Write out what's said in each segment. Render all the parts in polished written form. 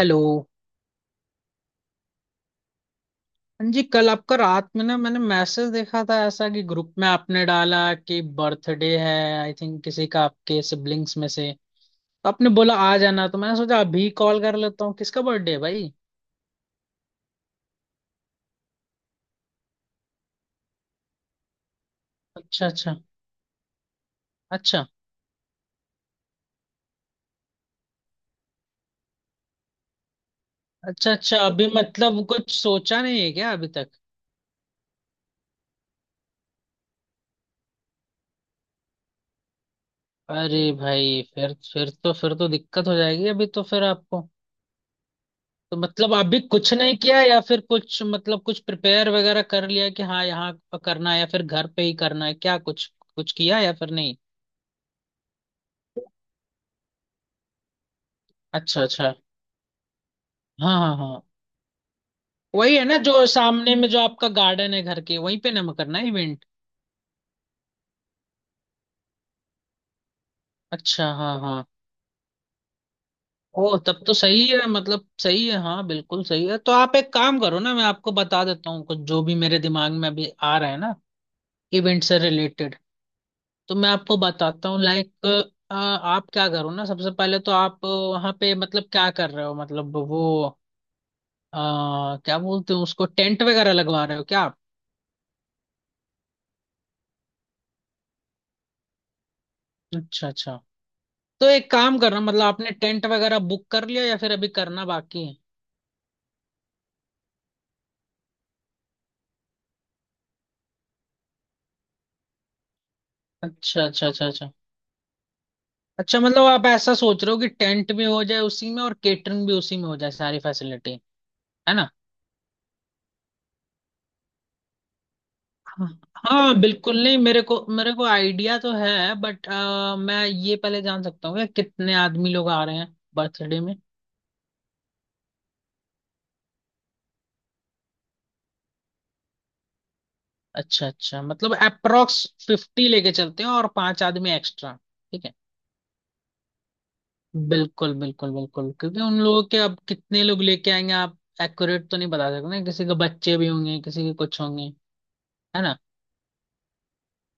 Hello. हाँ जी, कल आपका रात में ना मैंने मैसेज देखा था, ऐसा कि ग्रुप में आपने डाला कि बर्थडे है। आई थिंक किसी का आपके सिबलिंग्स में से। तो आपने बोला आ जाना तो मैंने सोचा अभी कॉल कर लेता हूँ किसका बर्थडे है भाई। अच्छा अच्छा। अच्छा अच्छा, अच्छा अभी मतलब कुछ सोचा नहीं है क्या अभी तक? अरे भाई, फिर तो दिक्कत हो जाएगी अभी तो, फिर आपको। तो मतलब अभी कुछ नहीं किया या फिर कुछ मतलब कुछ प्रिपेयर वगैरह कर लिया कि हाँ यहाँ करना है या फिर घर पे ही करना है, क्या कुछ कुछ किया या फिर नहीं? अच्छा अच्छा। हाँ हाँ हाँ। वही है ना, जो सामने में जो आपका गार्डन है घर के, वहीं पे ना करना है इवेंट? अच्छा, हाँ हाँ। ओ तब तो सही है, मतलब सही है, हाँ बिल्कुल सही है। तो आप एक काम करो ना, मैं आपको बता देता हूँ कुछ जो भी मेरे दिमाग में अभी आ रहा है ना, इवेंट से रिलेटेड। तो मैं आपको बताता हूँ लाइक, आप क्या करो ना, सबसे पहले तो आप वहाँ पे मतलब क्या कर रहे हो मतलब वो अ, क्या बोलते हो उसको, टेंट वगैरह लगवा रहे हो क्या आप? अच्छा अच्छा। तो एक काम करना, मतलब आपने टेंट वगैरह बुक कर लिया या फिर अभी करना बाकी है? अच्छा अच्छा, अच्छा अच्छा, अच्छा मतलब आप ऐसा सोच रहे हो कि टेंट भी हो जाए उसी में और केटरिंग भी उसी में हो जाए सारी फैसिलिटी, है ना? हाँ। हाँ, बिल्कुल। नहीं मेरे को आइडिया तो है बट मैं ये पहले जान सकता हूँ कि कितने आदमी लोग आ रहे हैं बर्थडे में? अच्छा अच्छा, मतलब अप्रोक्स 50 लेके चलते हैं और पांच आदमी एक्स्ट्रा, ठीक है। बिल्कुल बिल्कुल बिल्कुल, क्योंकि उन लोगों के अब कितने लोग लेके आएंगे आप एक्यूरेट तो नहीं बता सकते ना, किसी के बच्चे भी होंगे, किसी के कुछ होंगे, है ना।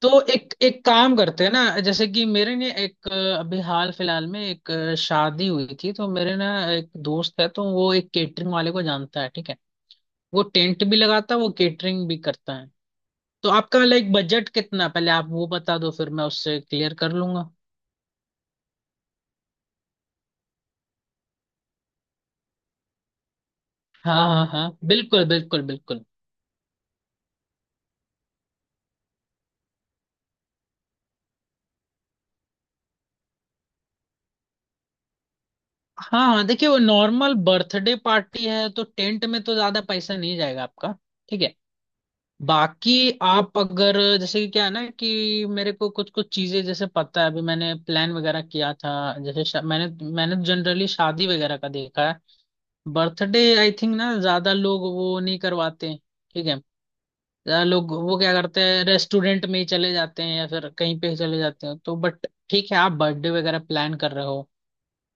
तो एक एक काम करते हैं ना, जैसे कि मेरे ने एक अभी हाल फिलहाल में एक शादी हुई थी, तो मेरे ना एक दोस्त है, तो वो एक केटरिंग वाले को जानता है, ठीक है। वो टेंट भी लगाता है, वो केटरिंग भी करता है। तो आपका लाइक बजट कितना है? पहले आप वो बता दो फिर मैं उससे क्लियर कर लूंगा। हाँ हाँ हाँ, बिल्कुल बिल्कुल बिल्कुल। हाँ हाँ, देखिए वो नॉर्मल बर्थडे पार्टी है तो टेंट में तो ज्यादा पैसा नहीं जाएगा आपका, ठीक है। बाकी आप अगर जैसे कि क्या है ना कि मेरे को कुछ कुछ चीजें जैसे पता है, अभी मैंने प्लान वगैरह किया था जैसे मैंने, मैंने जनरली शादी वगैरह का देखा है। बर्थडे आई थिंक ना ज्यादा लोग वो नहीं करवाते, ठीक है। ज्यादा लोग वो क्या करते हैं रेस्टोरेंट में ही चले जाते हैं या फिर कहीं पे ही चले जाते हैं, तो बट ठीक है आप बर्थडे वगैरह प्लान कर रहे हो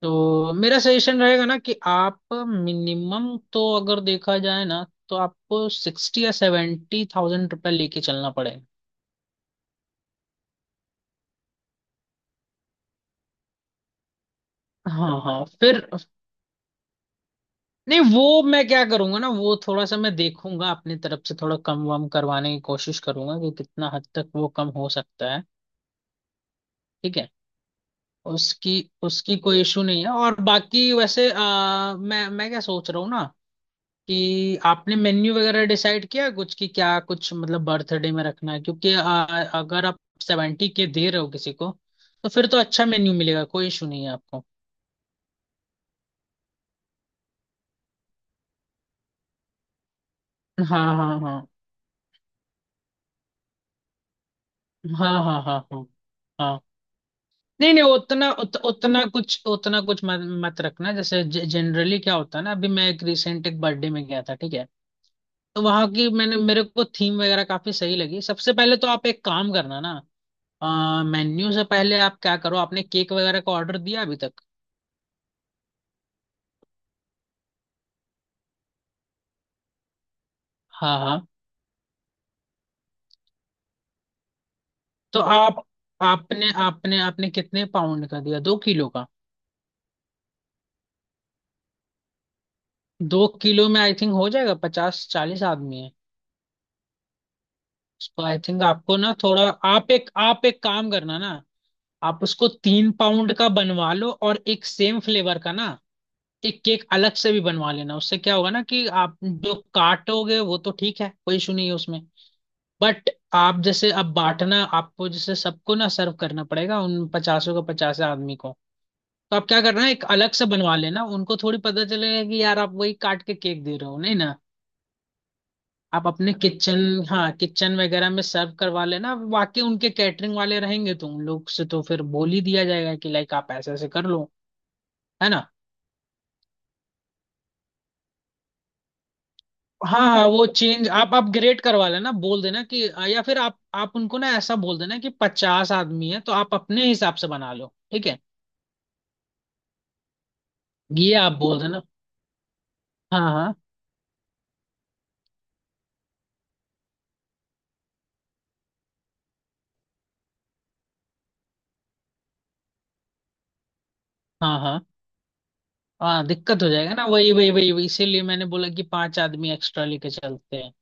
तो मेरा सजेशन रहेगा ना कि आप मिनिमम तो अगर देखा जाए ना तो आपको 60 या 70 थाउजेंड रुपये लेके चलना पड़े। हाँ हाँ फिर, नहीं वो मैं क्या करूंगा ना, वो थोड़ा सा मैं देखूंगा अपनी तरफ से, थोड़ा कम वम करवाने की कोशिश करूंगा कि कितना हद तक वो कम हो सकता है, ठीक है। उसकी, उसकी कोई इशू नहीं है। और बाकी वैसे मैं क्या सोच रहा हूँ ना कि आपने मेन्यू वगैरह डिसाइड किया कुछ कि क्या कुछ मतलब बर्थडे में रखना है, क्योंकि अगर आप 70 के दे रहे हो किसी को तो फिर तो अच्छा मेन्यू मिलेगा, कोई इशू नहीं है आपको। हाँ हाँ हाँ हाँ, हाँ हाँ हाँ हाँ। नहीं नहीं, उतना कुछ मत रखना। जैसे जनरली क्या होता है ना, अभी मैं एक रिसेंट एक बर्थडे में गया था ठीक है, तो वहां की मैंने मेरे को थीम वगैरह काफी सही लगी। सबसे पहले तो आप एक काम करना ना, मेन्यू से पहले आप क्या करो, आपने केक वगैरह का ऑर्डर दिया अभी तक? हाँ हाँ, तो आप, आपने आपने आपने कितने पाउंड का दिया, 2 किलो का? दो किलो में आई थिंक हो जाएगा, 50 40 आदमी है, सो आई थिंक आपको ना थोड़ा, आप एक काम करना ना, आप उसको 3 पाउंड का बनवा लो और एक सेम फ्लेवर का ना एक केक अलग से भी बनवा लेना। उससे क्या होगा ना कि आप जो काटोगे वो तो ठीक है कोई इशू नहीं है उसमें, बट आप जैसे अब बांटना आपको, जैसे सबको ना सर्व करना पड़ेगा उन पचासों का, 50 आदमी को, तो आप क्या करना एक अलग से बनवा लेना, उनको थोड़ी पता चलेगा कि यार आप वही काट के केक दे रहे हो नहीं ना। आप अपने किचन, हाँ किचन वगैरह में सर्व करवा लेना, बाकी उनके कैटरिंग वाले रहेंगे तो उन लोग से तो फिर बोल ही दिया जाएगा कि लाइक आप ऐसे ऐसे कर लो, है ना। हाँ हाँ, वो चेंज आप अपग्रेड करवा लेना, बोल देना कि, या फिर आप उनको ना ऐसा बोल देना कि 50 आदमी है तो आप अपने हिसाब से बना लो, ठीक है। ये आप बोल देना। हाँ हाँ हाँ हाँ। हाँ दिक्कत हो जाएगा ना, वही वही वही वही इसीलिए मैंने बोला कि पांच आदमी एक्स्ट्रा लेके चलते हैं।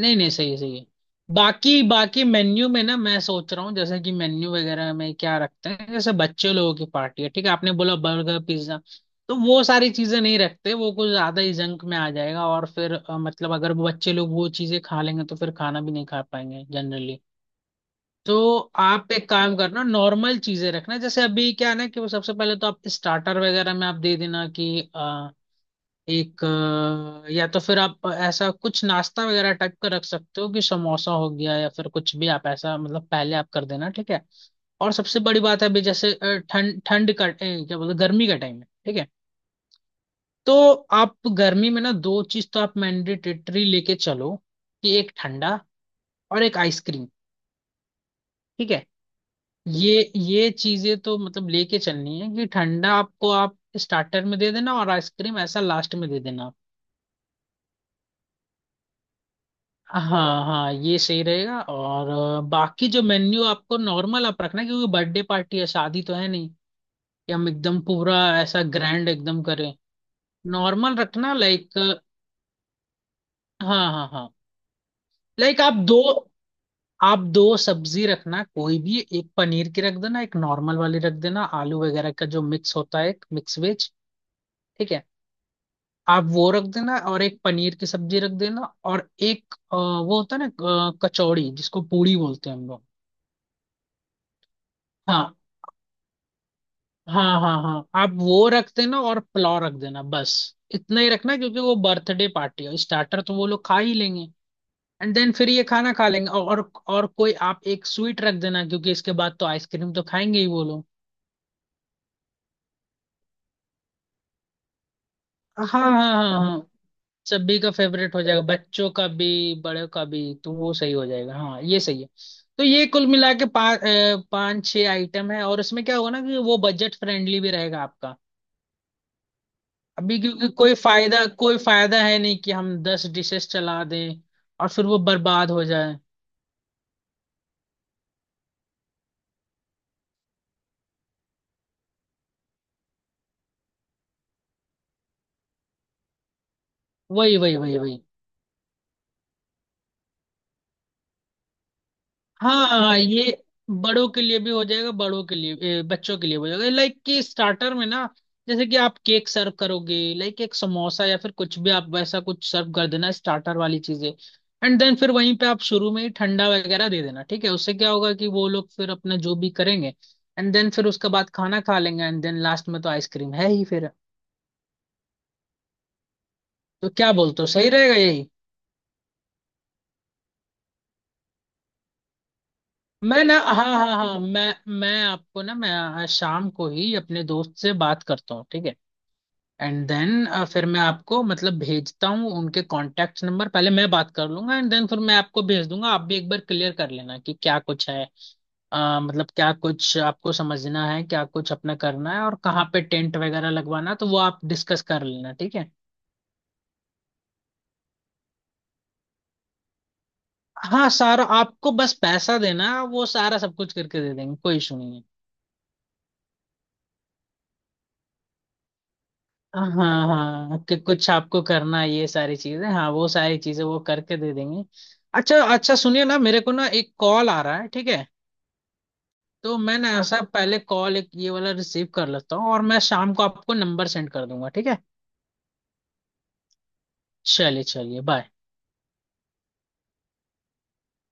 नहीं नहीं, सही है सही है। बाकी बाकी मेन्यू में ना मैं सोच रहा हूँ, जैसे कि मेन्यू वगैरह में क्या रखते हैं, जैसे बच्चे लोगों की पार्टी है ठीक है, आपने बोला बर्गर पिज्जा, तो वो सारी चीजें नहीं रखते, वो कुछ ज्यादा ही जंक में आ जाएगा और फिर मतलब अगर वो बच्चे लोग वो चीजें खा लेंगे तो फिर खाना भी नहीं खा पाएंगे जनरली। तो आप एक काम करना नॉर्मल चीजें रखना, जैसे अभी क्या है ना कि वो सबसे पहले तो आप स्टार्टर वगैरह में आप दे देना कि, एक या तो फिर आप ऐसा कुछ नाश्ता वगैरह टाइप का रख सकते हो कि समोसा हो गया, या फिर कुछ भी आप ऐसा मतलब पहले आप कर देना, ठीक है। और सबसे बड़ी बात है, अभी जैसे ठंड ठंड का क्या बोलते हैं, गर्मी का टाइम है, ठीक है। तो आप गर्मी में ना दो चीज तो आप मैंडेटरी लेके चलो, कि एक ठंडा और एक आइसक्रीम, ठीक है। ये चीजें तो मतलब लेके चलनी है, कि ठंडा आपको आप स्टार्टर में दे देना और आइसक्रीम ऐसा लास्ट में दे देना। हाँ हाँ, ये सही रहेगा और बाकी जो मेन्यू आपको नॉर्मल आप रखना क्योंकि बर्थडे पार्टी है, शादी तो है नहीं कि हम एकदम पूरा ऐसा ग्रैंड एकदम करें, नॉर्मल रखना लाइक। हाँ हाँ हाँ, लाइक आप दो सब्जी रखना, कोई भी एक पनीर की रख देना, एक नॉर्मल वाली रख देना आलू वगैरह का जो मिक्स होता है, एक मिक्स वेज, ठीक है। आप वो रख देना और एक पनीर की सब्जी रख देना और एक वो होता है ना कचौड़ी जिसको पूड़ी बोलते हैं हम लोग। हाँ हाँ हाँ हाँ, आप वो रख देना और पुलाव रख देना बस। इतना ही रखना क्योंकि वो बर्थडे पार्टी है, स्टार्टर तो वो लोग खा ही लेंगे, एंड देन फिर ये खाना खा लेंगे और कोई आप एक स्वीट रख देना क्योंकि इसके बाद तो आइसक्रीम तो खाएंगे ही वो लोग। हाँ हाँ हाँ हाँ, सभी का फेवरेट हो जाएगा, बच्चों का भी बड़ों का भी, तो वो सही हो जाएगा, हाँ ये सही है। तो ये कुल मिला के पाँच पाँच छः आइटम है, और इसमें क्या होगा ना कि वो बजट फ्रेंडली भी रहेगा आपका। अभी क्योंकि कोई फायदा, कोई फायदा है नहीं कि हम 10 डिशेस चला दें और फिर वो बर्बाद हो जाए। वही वही वही वही। हाँ हाँ, ये बड़ों के लिए भी हो जाएगा बड़ों के लिए, बच्चों के लिए भी हो जाएगा। लाइक कि स्टार्टर में ना जैसे कि आप केक सर्व करोगे, लाइक एक समोसा या फिर कुछ भी आप वैसा कुछ सर्व कर देना, स्टार्टर वाली चीजें, एंड देन फिर वहीं पे आप शुरू में ही ठंडा वगैरह दे देना ठीक है, उससे क्या होगा कि वो लोग फिर अपना जो भी करेंगे, एंड देन फिर उसके बाद खाना खा लेंगे, एंड देन लास्ट में तो आइसक्रीम है ही फिर। तो क्या बोलते हो, सही रहेगा यही? मैं ना हाँ हाँ हाँ, मैं आपको ना, मैं शाम को ही अपने दोस्त से बात करता हूँ, ठीक है, एंड देन फिर मैं आपको मतलब भेजता हूँ उनके कॉन्टैक्ट नंबर। पहले मैं बात कर लूंगा एंड देन फिर मैं आपको भेज दूंगा, आप भी एक बार क्लियर कर लेना कि क्या कुछ है, मतलब क्या कुछ आपको समझना है, क्या कुछ अपना करना है और कहाँ पे टेंट वगैरह लगवाना है, तो वो आप डिस्कस कर लेना, ठीक है। हाँ, सारा आपको बस पैसा देना है, वो सारा सब कुछ करके दे देंगे, कोई इशू नहीं है। हाँ हाँ हाँ, कि कुछ आपको करना है ये सारी चीजें, हाँ वो सारी चीजें वो करके दे देंगे। अच्छा अच्छा, सुनिए ना मेरे को ना एक कॉल आ रहा है ठीक है, तो मैं ना ऐसा पहले कॉल एक ये वाला रिसीव कर लेता हूँ और मैं शाम को आपको नंबर सेंड कर दूंगा, ठीक है। चलिए चलिए, बाय।